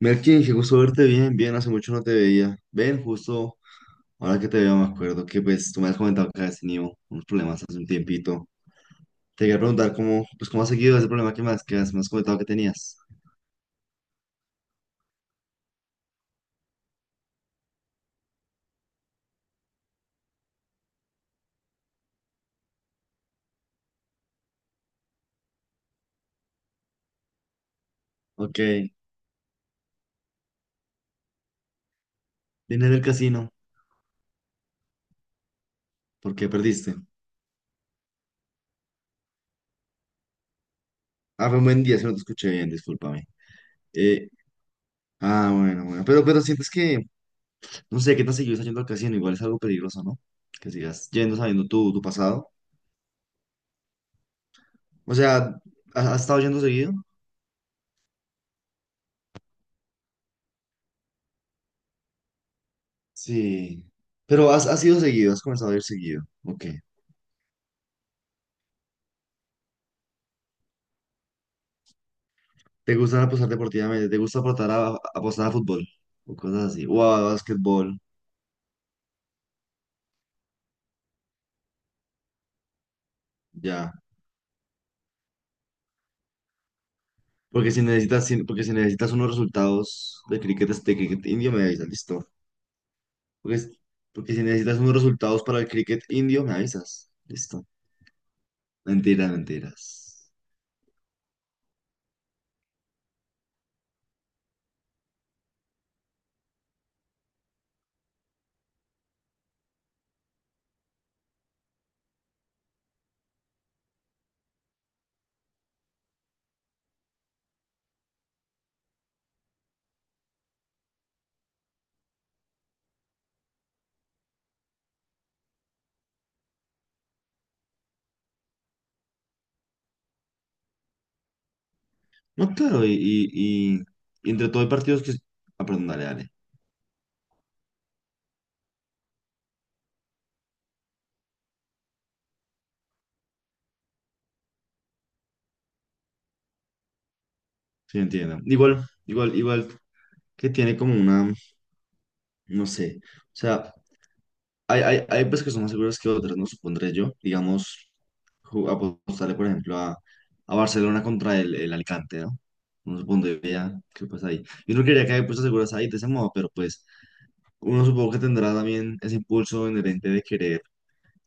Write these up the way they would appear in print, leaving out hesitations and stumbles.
Melkin, qué gusto verte bien, bien, hace mucho no te veía. Ven, justo ahora que te veo me acuerdo que pues tú me has comentado que has tenido unos problemas hace un tiempito. Te quería preguntar cómo, pues cómo has seguido ese problema que más me has comentado que tenías. Ok, vine del casino, ¿por qué perdiste? Ah, fue un buen día, si no te escuché bien, discúlpame. Eh, ah, bueno, bueno, pero, sientes que, no sé, qué tan seguido estás yendo al casino, igual es algo peligroso, ¿no? Que sigas yendo sabiendo tu pasado. O sea, ¿has estado yendo seguido? Sí. Pero has ido seguido, has comenzado a ir seguido. Ok. ¿Te gusta apostar deportivamente? ¿Te gusta apostar a fútbol? O cosas así. O a básquetbol. Ya. Porque si necesitas unos resultados de cricket indio, me avisas, listo. Porque, es- porque si necesitas unos resultados para el cricket indio, me avisas. Listo. Mentiras, mentiras. No, claro, y entre todo hay partidos que... Ah, perdón, dale, dale. Sí, entiendo. Igual que tiene como una, no sé. O sea, hay pues que son más seguras que otras, no supondré yo. Digamos, apostarle, por ejemplo, a Barcelona contra el Alicante, ¿no? Uno supondría que pues ahí. Yo no quería que hay apuestas seguras ahí de ese modo, pero pues uno supongo que tendrá también ese impulso inherente de querer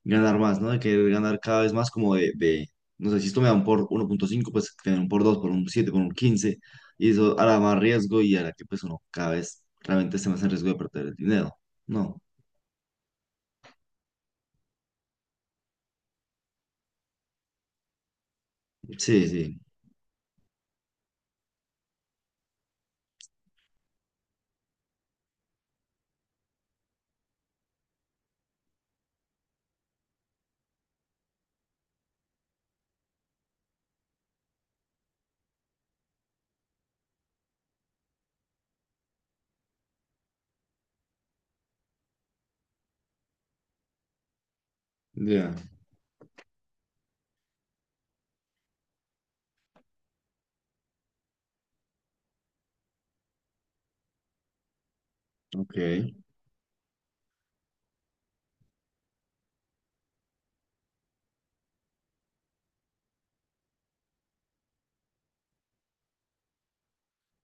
ganar más, ¿no? De querer ganar cada vez más como de no sé, si esto me dan por 1.5, pues que me den por 2 por un 7 por un 15 y eso hará más riesgo y hará que pues uno cada vez realmente esté más en riesgo de perder el dinero. No. Sí, sí. Ya. Ok.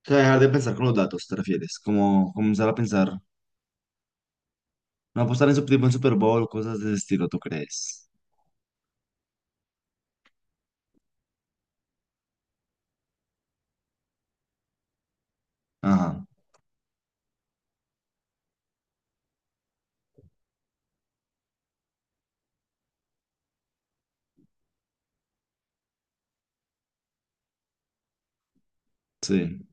O sea, dejar de pensar con los datos, ¿te refieres? Como comenzar a pensar, no apostar en, tipo en Super Bowl, cosas de ese estilo, ¿tú crees? Ajá, sí.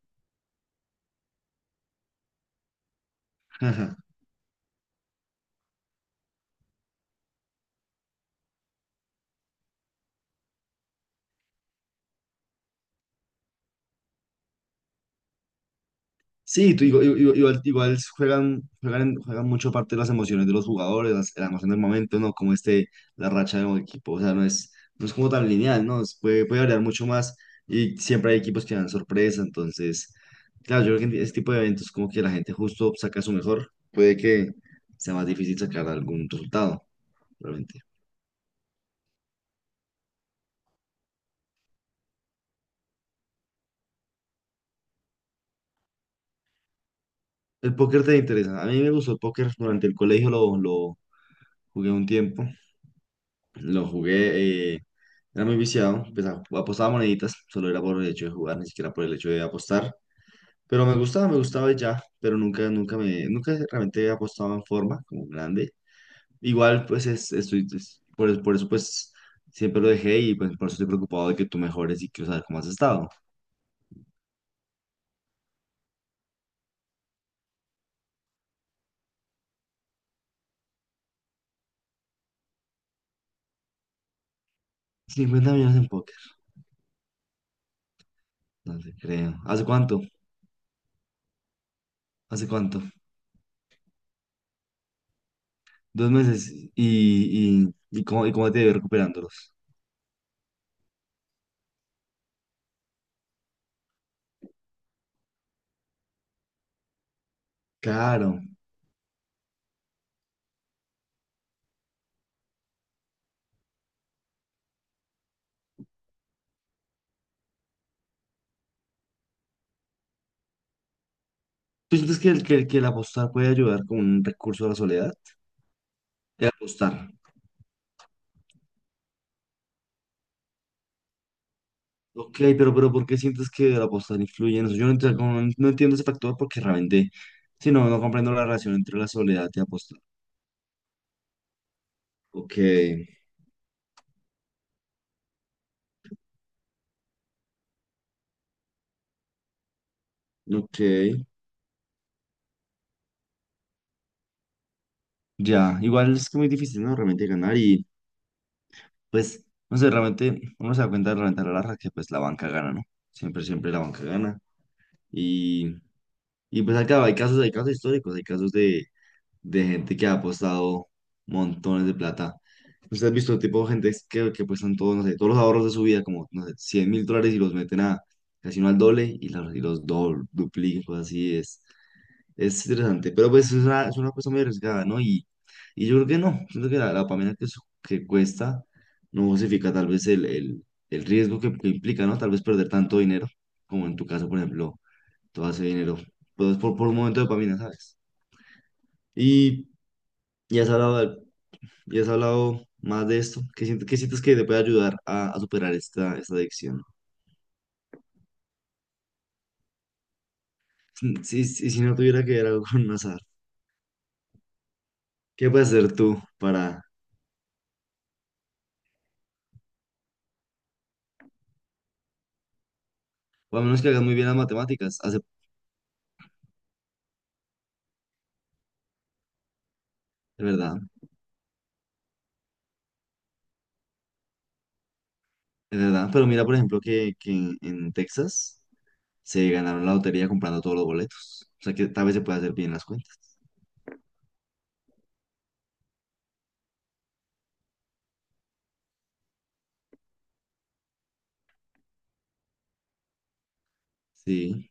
Ajá. Sí, tú, igual juegan mucho parte de las emociones de los jugadores, la emoción del momento, ¿no? Como este, la racha de un equipo, o sea, no es como tan lineal, ¿no? Puede variar mucho más y siempre hay equipos que dan sorpresa, entonces, claro, yo creo que en este tipo de eventos como que la gente justo saca su mejor, puede que sea más difícil sacar algún resultado realmente. El póker te interesa. A mí me gustó el póker durante el colegio, lo jugué un tiempo. Lo jugué, era muy viciado. Pues, apostaba moneditas, solo era por el hecho de jugar, ni siquiera por el hecho de apostar. Pero me gustaba y ya, pero nunca realmente he apostado en forma, como grande. Igual, pues es por eso, pues siempre lo dejé y pues por eso estoy preocupado de que tú mejores y quiero saber cómo has estado. 50 millones en póker, no te creo. ¿Hace cuánto? ¿Hace cuánto? 2 meses y cómo te ves recuperándolos. Claro. ¿Tú sientes que el apostar puede ayudar como un recurso a la soledad? El apostar. Ok, pero ¿por qué sientes que el apostar influye en eso? Yo no, ent- como no no entiendo ese factor porque realmente, si no, no comprendo la relación entre la soledad y apostar. Ok, ok. Ya, igual es que muy difícil, ¿no? Realmente ganar y pues, no sé, realmente uno se da cuenta realmente a la larga que pues la banca gana, ¿no? Siempre, siempre la banca gana. Y pues acá hay casos históricos, hay casos de gente que ha apostado montones de plata. Usted ha visto tipo de gente que apuestan todos, no sé, todos los ahorros de su vida, como, no sé, 100 mil dólares y los meten a casino al doble y los doble, duplican, cosas así, es interesante. Pero pues es una apuesta muy arriesgada, ¿no? Y yo creo que no, siento que la pamela que cuesta no justifica tal vez el riesgo que implica, ¿no? Tal vez perder tanto dinero, como en tu caso, por ejemplo todo ese dinero. Pues por un momento de dopamina, ¿sabes? Y, y has hablado, del- y has hablado más de esto. ¿Qué sientes que te puede ayudar a superar esta adicción? Si no tuviera que ver algo con azar, ¿qué puedes hacer tú para, o a menos que hagas muy bien las matemáticas? Es verdad, es verdad. Pero mira, por ejemplo, que en Texas se ganaron la lotería comprando todos los boletos. O sea que tal vez se puede hacer bien las cuentas. Sí.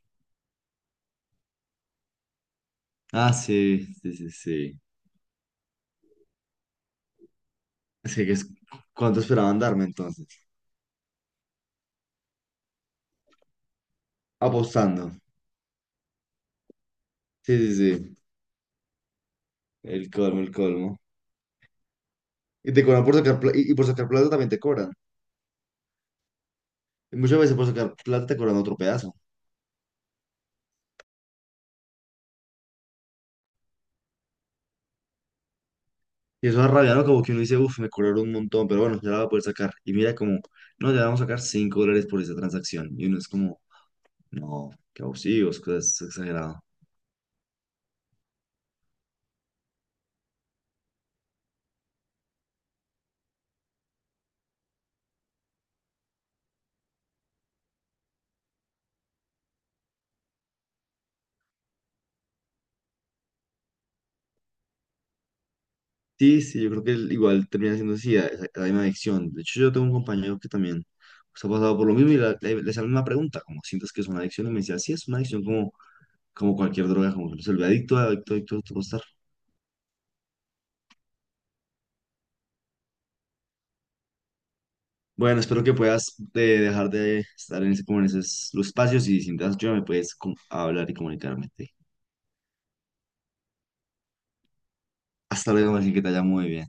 Ah, sí, sí, sí, sí. Es que es- ¿cuánto esperaban darme entonces? Apostando. Sí, sí, sí. El colmo, el colmo. Y te cobran por sacar plata. Y por sacar plata también te cobran. Y muchas veces por sacar plata te cobran otro pedazo. Y eso es rabia, ¿no? Como que uno dice, uff, me cobraron un montón, pero bueno, ya la voy a poder sacar. Y mira como, no, ya vamos a sacar $5 por esa transacción. Y uno es como, no, qué abusivos, cosas exageradas. Sí, sí, yo creo que igual termina siendo así, la misma adicción. De hecho, yo tengo un compañero que también se ha pasado por lo mismo y le sale una pregunta, como sientes que es una adicción, y me decía, sí, es una adicción como cualquier droga, como que se vuelve adicto a estar. Bueno, espero que puedas dejar de estar en ese, como en esos los espacios y si necesitas ayuda me puedes hablar y comunicarme. Hasta luego, así que te haya muy bien.